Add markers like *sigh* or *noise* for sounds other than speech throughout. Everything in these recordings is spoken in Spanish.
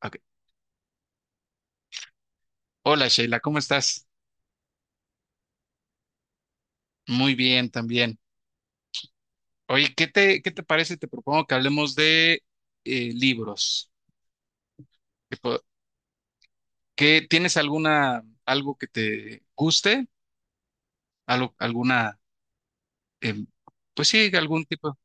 Ok. Hola Sheila, ¿cómo estás? Muy bien también. Oye, ¿qué te parece? Te propongo que hablemos de libros. ¿Qué po- tienes alguna, algo que te guste? Algo, alguna, em, pues sí, algún tipo.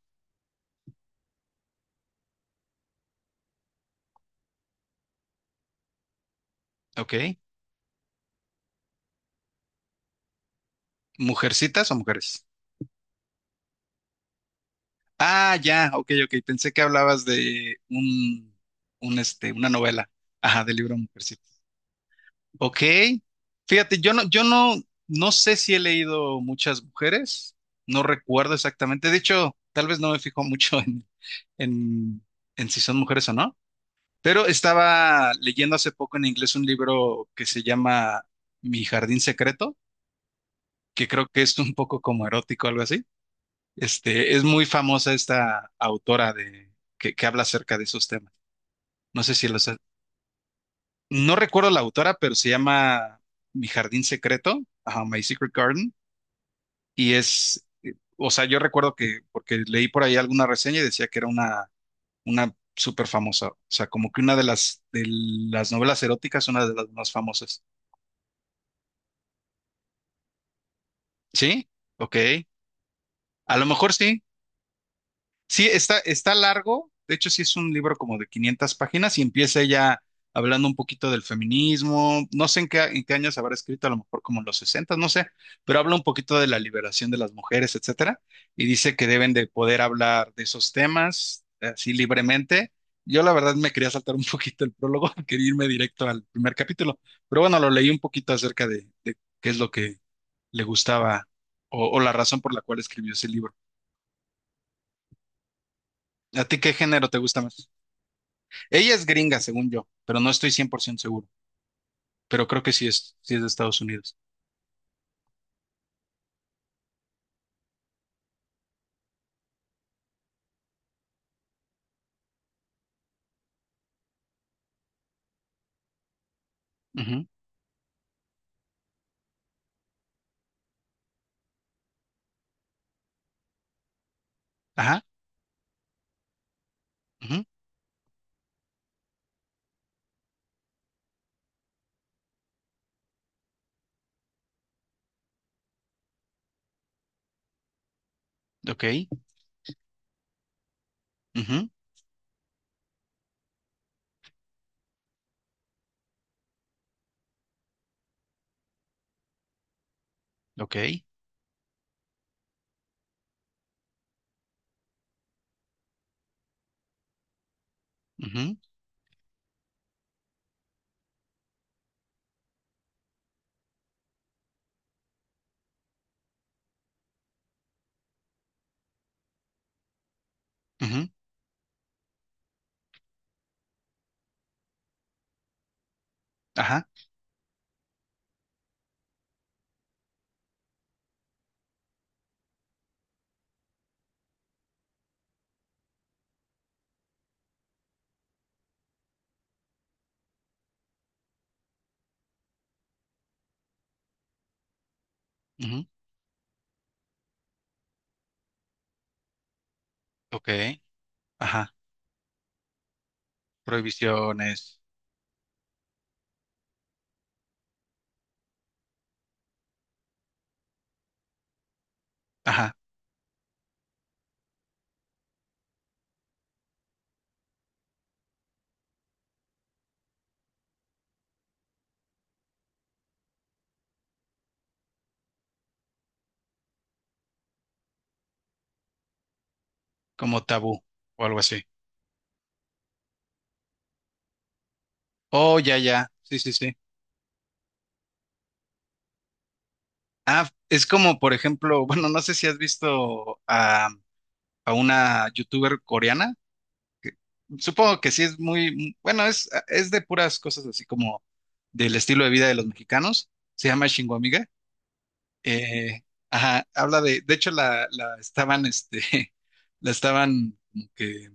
Ok. ¿Mujercitas o mujeres? Ah, ya, ok, ok. Pensé que hablabas de un, una novela. Ajá, del libro Mujercitas. Ok, fíjate, yo no, yo no, no sé si he leído muchas mujeres, no recuerdo exactamente, de hecho, tal vez no me fijo mucho en, si son mujeres o no, pero estaba leyendo hace poco en inglés un libro que se llama Mi jardín secreto, que creo que es un poco como erótico, algo así. Es muy famosa esta autora que habla acerca de esos temas. No sé si los sé. No recuerdo la autora, pero se llama Mi jardín secreto, ajá, My Secret Garden. Y es, o sea, yo recuerdo que, porque leí por ahí alguna reseña y decía que era una, súper famosa, o sea, como que una de las novelas eróticas, una de las más famosas. ¿Sí? Ok. A lo mejor sí. Sí, está, largo. De hecho, sí es un libro como de 500 páginas y empieza ella hablando un poquito del feminismo. No sé en qué años habrá escrito, a lo mejor como en los 60, no sé, pero habla un poquito de la liberación de las mujeres, etcétera. Y dice que deben de poder hablar de esos temas así libremente. Yo la verdad me quería saltar un *laughs* poquito el prólogo, *laughs* quería irme directo al primer capítulo, pero bueno, lo leí un poquito acerca de, qué es lo que le gustaba o la razón por la cual escribió ese libro. ¿A ti qué género te gusta más? Ella es gringa, según yo, pero no estoy 100% seguro. Pero creo que sí es de Estados Unidos. Ujú. Ajá. Ujú. Ok. Ujú. Ok. Ujú. Ujú. Ajá. Ujú. Ok. Ajá. Prohibiciones. Ajá. Como tabú o algo así. Oh, ya, ya. Sí, sí, sí. Ah, es como, por ejemplo, *laughs* bueno, no sé si has visto a, una youtuber coreana que- supongo que sí es muy, bueno, es de puras cosas así como del estilo de vida de los mexicanos. Se llama Shingo Amiga. Eh, ajá, habla de hecho *laughs* la estaban como que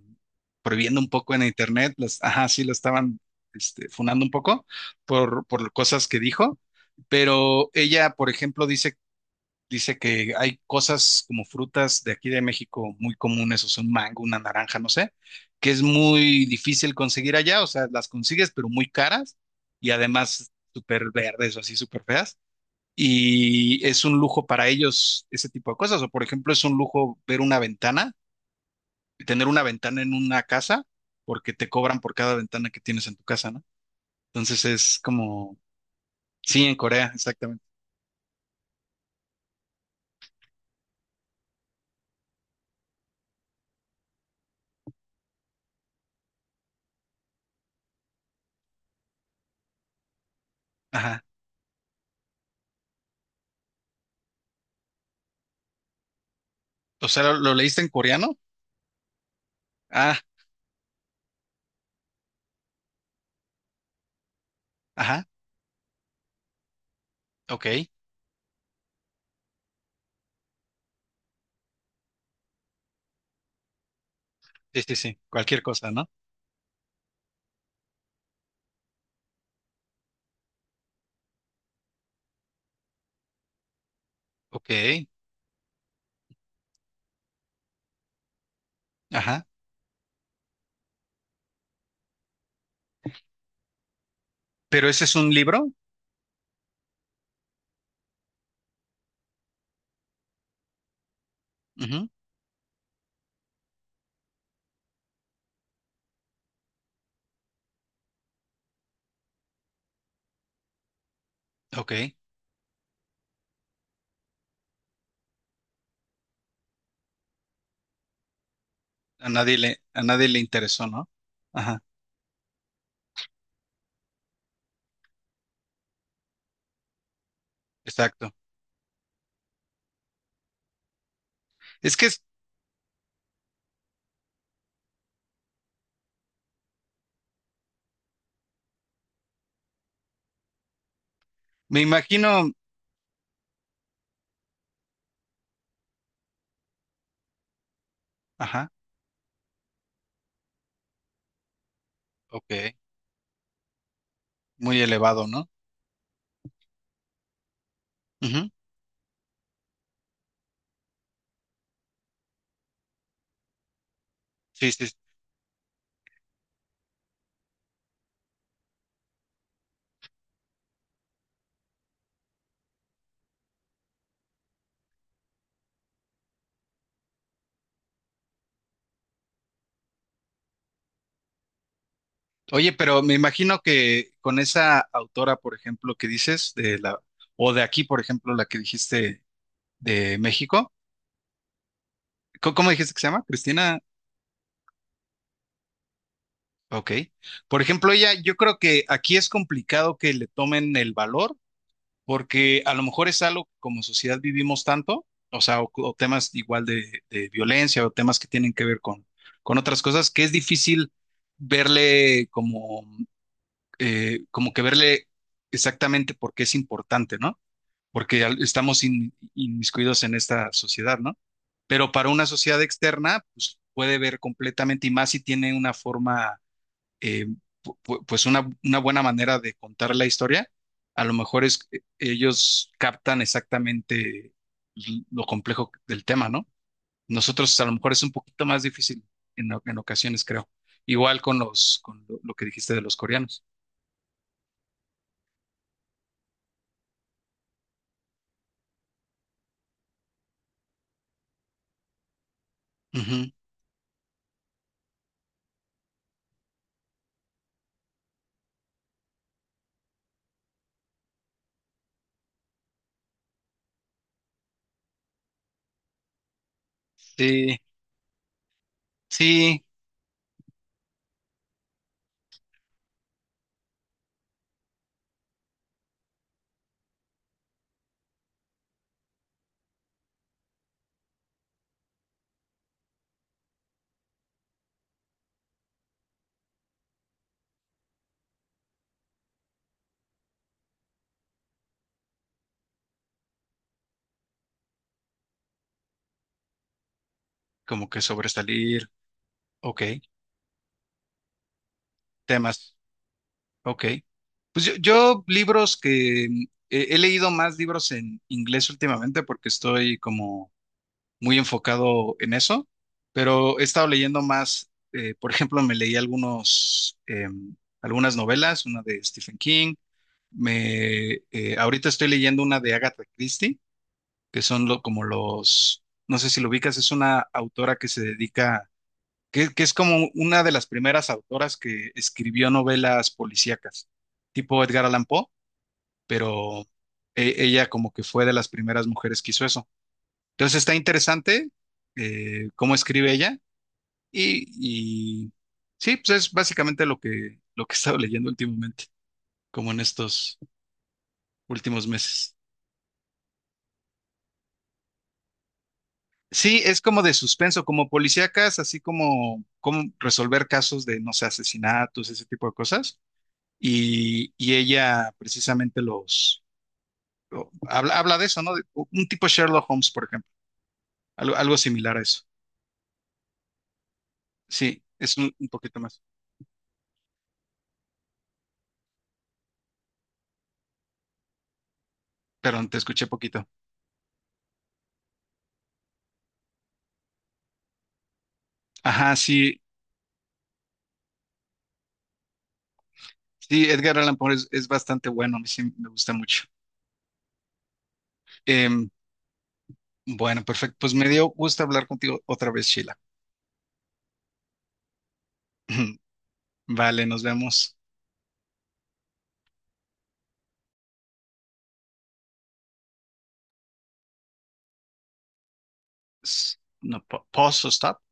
prohibiendo un poco en internet. Ajá, sí, la estaban, funando un poco por cosas que dijo. Pero ella, por ejemplo, dice. Dice que hay cosas como frutas de aquí de México muy comunes, o sea, un mango, una naranja, no sé, que es muy difícil conseguir allá, o sea, las consigues, pero muy caras y además súper verdes o así, súper feas. Y es un lujo para ellos ese tipo de cosas, o por ejemplo, es un lujo ver una ventana, tener una ventana en una casa, porque te cobran por cada ventana que tienes en tu casa, ¿no? Entonces es como, sí, en Corea, exactamente. Ajá. O sea, ¿lo leíste en coreano? Ah, ajá, ok. Sí, sí, sí, cualquier cosa, ¿no? Ok, ajá. Pero ese es un libro. Ujú. Ok, a nadie le interesó, ¿no? Ajá, exacto. Es que me imagino, ajá, ok, muy elevado, ¿no? Ujú. Sí, sí. Oye, pero me imagino que con esa autora, por ejemplo, que dices, de la, o de aquí, por ejemplo, la que dijiste de México, ¿cómo dijiste que se llama? Cristina, ok. Por ejemplo, ella, yo creo que aquí es complicado que le tomen el valor porque a lo mejor es algo que como sociedad vivimos tanto, o sea, o temas igual de violencia o temas que tienen que ver con otras cosas, que es difícil verle como, como que verle exactamente por qué es importante, ¿no? Porque estamos inmiscuidos en esta sociedad, ¿no? Pero para una sociedad externa, pues puede ver completamente y más si tiene una forma eh, pues una, buena manera de contar la historia. A lo mejor ellos captan exactamente lo complejo del tema, ¿no? Nosotros a lo mejor es un poquito más difícil en ocasiones, creo. Igual con lo que dijiste de los coreanos. Ujú. Sí, sí, como que sobresalir. Ok, temas. Ok. Pues yo libros que he leído más libros en inglés últimamente porque estoy como muy enfocado en eso, pero he estado leyendo más, por ejemplo, me leí algunos, algunas novelas, una de Stephen King, ahorita estoy leyendo una de Agatha Christie, que son lo, como los, no sé si lo ubicas, es una autora que se dedica, que es como una de las primeras autoras que escribió novelas policíacas, tipo Edgar Allan Poe, pero... Ella como que fue de las primeras mujeres que hizo eso. Entonces está interesante cómo escribe ella y, y sí, pues es básicamente lo que he estado leyendo últimamente, como en estos últimos meses. Sí, es como de suspenso, como policíacas, así como resolver casos de, no sé, asesinatos, ese tipo de cosas. Y ella precisamente habla de eso, ¿no? De un tipo Sherlock Holmes, por ejemplo, algo similar a eso. Sí, es un poquito más, pero te escuché poquito. Ajá, sí. Sí, Edgar Allan Poe es bastante bueno, a mí sí me gusta mucho. Em, bueno, perfecto. Pues me dio gusto hablar contigo otra vez, Sheila. *clears throat* Vale, nos vemos. No, pause o stop.